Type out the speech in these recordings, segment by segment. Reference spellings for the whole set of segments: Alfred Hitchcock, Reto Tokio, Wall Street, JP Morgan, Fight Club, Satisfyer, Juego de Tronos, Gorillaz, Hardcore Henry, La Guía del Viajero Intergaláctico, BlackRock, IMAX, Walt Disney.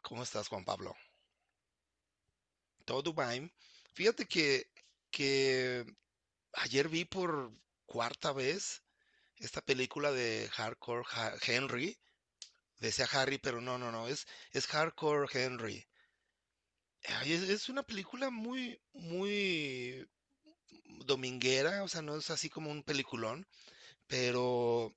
¿Cómo estás, Juan Pablo? Todo bien. Fíjate que ayer vi por cuarta vez esta película de Hardcore Henry. Decía Harry, pero no, no, no, es Hardcore Henry. Ay, es una película muy, muy dominguera. O sea, no es así como un peliculón, pero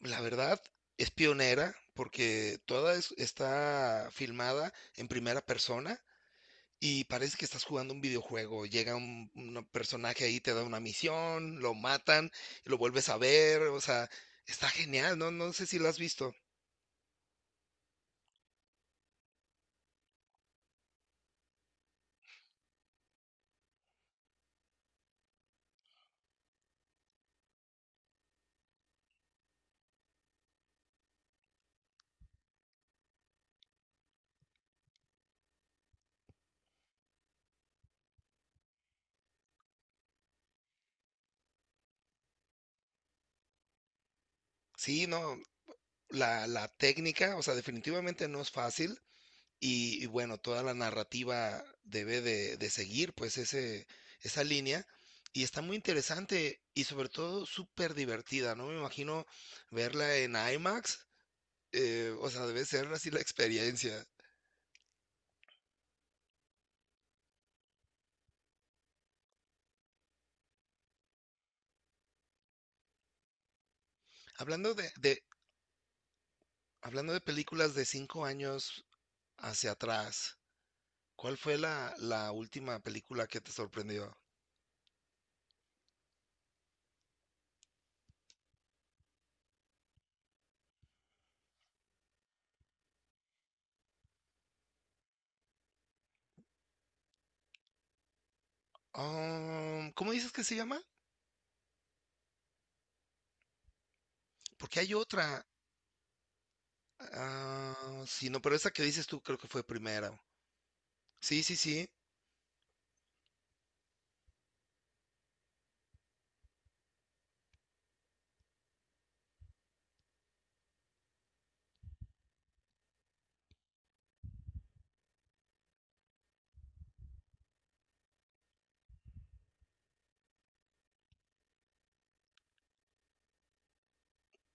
la verdad es pionera porque está filmada en primera persona. Y parece que estás jugando un videojuego. Llega un personaje ahí, te da una misión, lo matan, y lo vuelves a ver. O sea, está genial, ¿no? No sé si lo has visto. Sí, no, la técnica, o sea, definitivamente no es fácil. Y bueno, toda la narrativa debe de seguir, pues, ese, esa línea. Y está muy interesante y sobre todo súper divertida, ¿no? Me imagino verla en IMAX. O sea, debe ser así la experiencia. Hablando de, de, Hablando de películas de 5 años hacia atrás, ¿cuál fue la última película que te sorprendió? ¿Cómo dices que se llama? Porque hay otra. Sí, no, pero esa que dices tú creo que fue primero. Sí, sí, sí,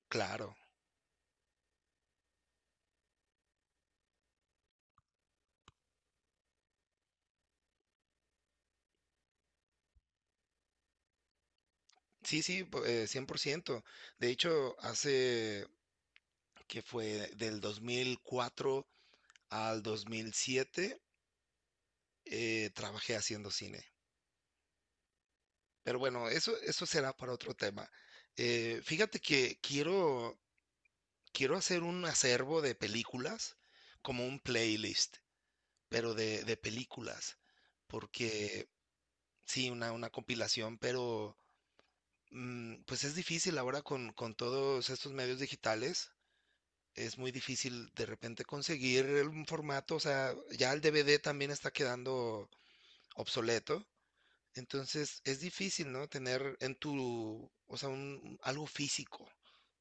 claro. Sí, sí, 100%. De hecho, hace que fue del 2004 al 2007, trabajé haciendo cine. Pero bueno, eso será para otro tema. Fíjate que quiero hacer un acervo de películas, como un playlist, pero de películas, porque sí, una compilación, pero pues es difícil ahora con todos estos medios digitales. Es muy difícil de repente conseguir un formato. O sea, ya el DVD también está quedando obsoleto, entonces es difícil, ¿no? Tener en tu, o sea, un, algo físico.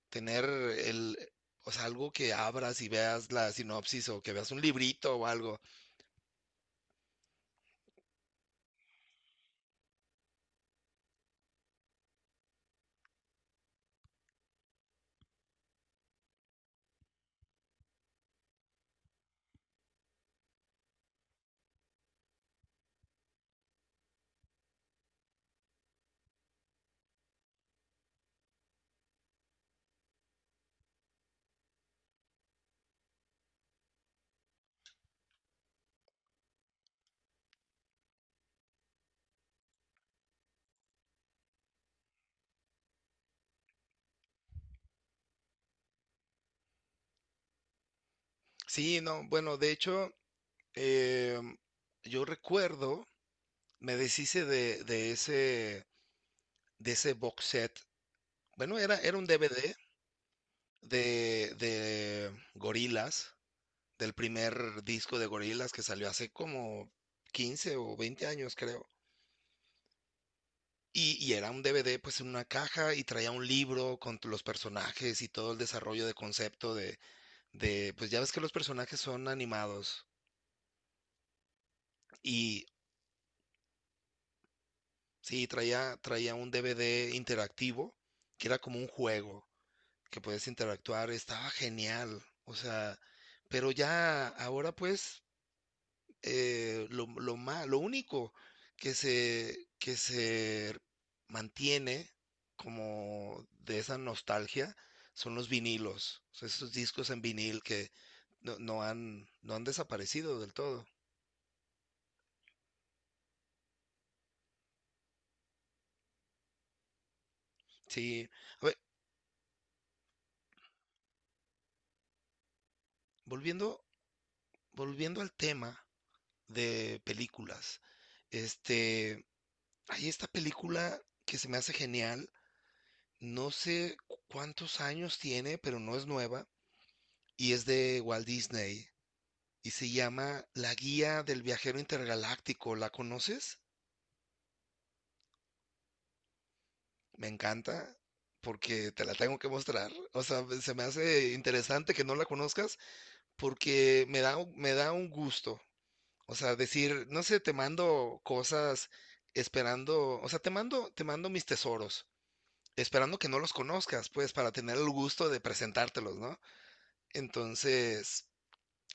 Tener o sea, algo que abras y veas la sinopsis o que veas un librito o algo. Sí, no, bueno, de hecho, eh, yo recuerdo, me deshice de ese box set. Bueno, era un DVD de Gorillaz, del primer disco de Gorillaz que salió hace como 15 o 20 años, creo. Y era un DVD pues en una caja y traía un libro con los personajes y todo el desarrollo de concepto. Pues ya ves que los personajes son animados y sí, traía un DVD interactivo que era como un juego que puedes interactuar. Estaba genial, o sea, pero ya ahora pues lo único que se mantiene como de esa nostalgia son los vinilos. O sea, esos discos en vinil que no han desaparecido del todo. Sí, a Volviendo, volviendo al tema de películas, este, hay esta película que se me hace genial, no sé cuántos años tiene, pero no es nueva, y es de Walt Disney, y se llama La Guía del Viajero Intergaláctico. ¿La conoces? Me encanta, porque te la tengo que mostrar. O sea, se me hace interesante que no la conozcas, porque me me da un gusto. O sea, decir, no sé, te mando cosas esperando, o sea, te mando mis tesoros, esperando que no los conozcas, pues, para tener el gusto de presentártelos, ¿no? Entonces,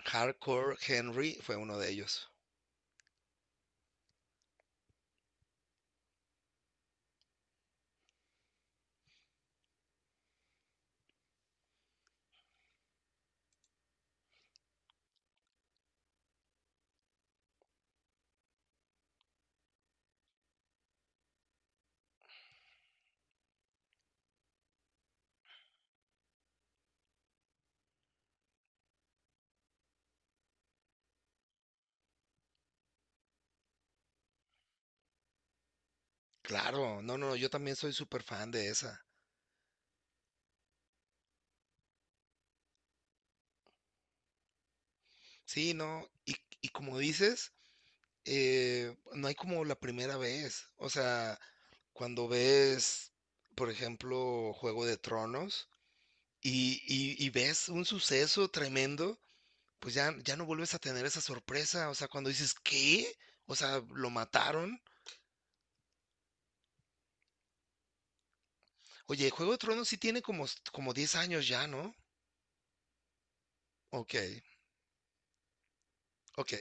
Hardcore Henry fue uno de ellos. Claro, no, no, yo también soy súper fan de esa. Sí, no, y como dices, no hay como la primera vez. O sea, cuando ves, por ejemplo, Juego de Tronos y, y ves un suceso tremendo, pues ya, ya no vuelves a tener esa sorpresa. O sea, cuando dices, ¿qué? O sea, lo mataron. Oye, Juego de Tronos sí tiene como, como 10 años ya, ¿no? Ok, ok,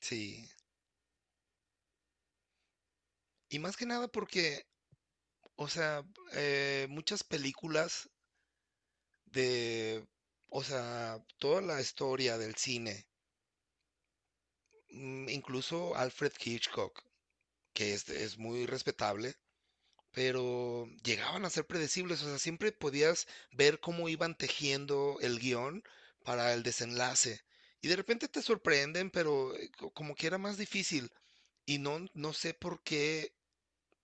sí. Y más que nada porque, o sea, muchas películas de, o sea, toda la historia del cine, incluso Alfred Hitchcock, que es muy respetable, pero llegaban a ser predecibles. O sea, siempre podías ver cómo iban tejiendo el guión para el desenlace. Y de repente te sorprenden, pero como que era más difícil. Y no, no sé por qué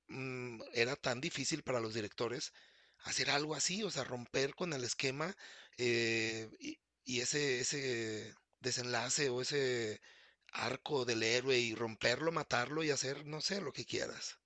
era tan difícil para los directores hacer algo así. O sea, romper con el esquema eh, y, y ese desenlace o ese arco del héroe y romperlo, matarlo y hacer, no sé, lo que quieras.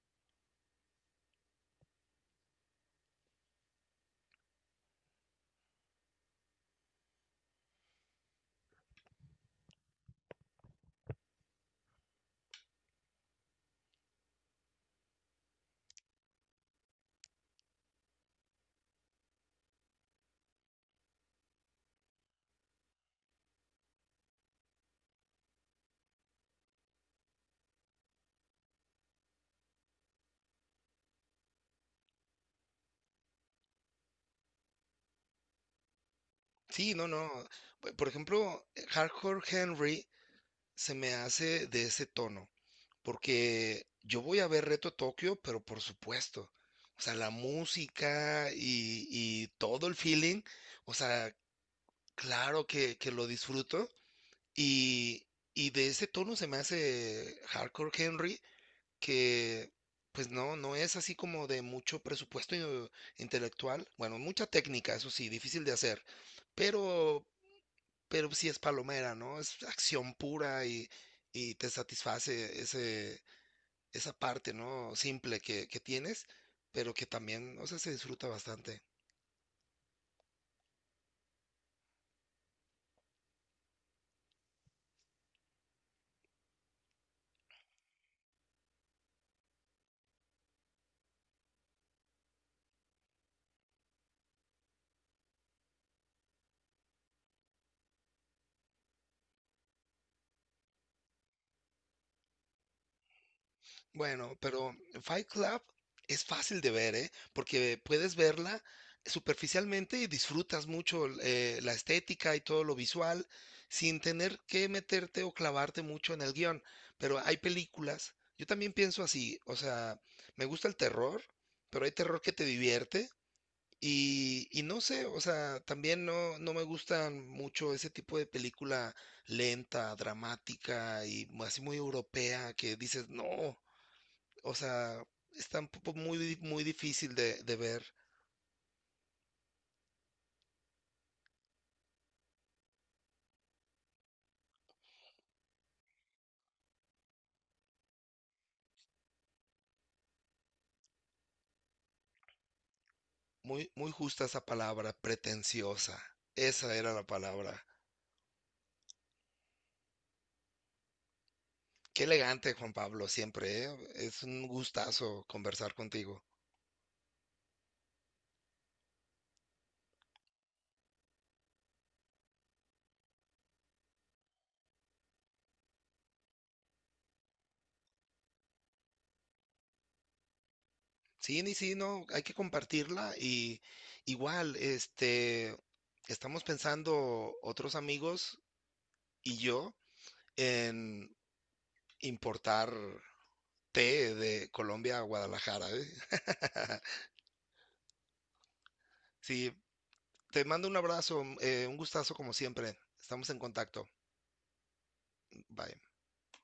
Sí, no, no. Por ejemplo, Hardcore Henry se me hace de ese tono, porque yo voy a ver Reto Tokio, pero por supuesto. O sea, la música y todo el feeling, o sea, claro que lo disfruto. Y, y de ese tono se me hace Hardcore Henry, que pues no, no es así como de mucho presupuesto intelectual. Bueno, mucha técnica, eso sí, difícil de hacer, pero pero sí es palomera, ¿no? Es acción pura y te satisface ese, esa parte, ¿no? Simple que tienes, pero que también, o sea, se disfruta bastante. Bueno, pero Fight Club es fácil de ver, ¿eh? Porque puedes verla superficialmente y disfrutas mucho la estética y todo lo visual sin tener que meterte o clavarte mucho en el guión. Pero hay películas, yo también pienso así. O sea, me gusta el terror, pero hay terror que te divierte. Y no sé, o sea, también no, no me gustan mucho ese tipo de película lenta, dramática y así muy europea que dices, no, o sea, está un poco muy difícil de ver. Muy, muy justa esa palabra, pretenciosa, esa era la palabra. Qué elegante, Juan Pablo, siempre, ¿eh? Es un gustazo conversar contigo. Sí, ni sí, no, hay que compartirla y igual, este, estamos pensando otros amigos y yo en importar té de Colombia a Guadalajara, ¿eh? Sí, te mando un abrazo, un gustazo como siempre. Estamos en contacto. Bye.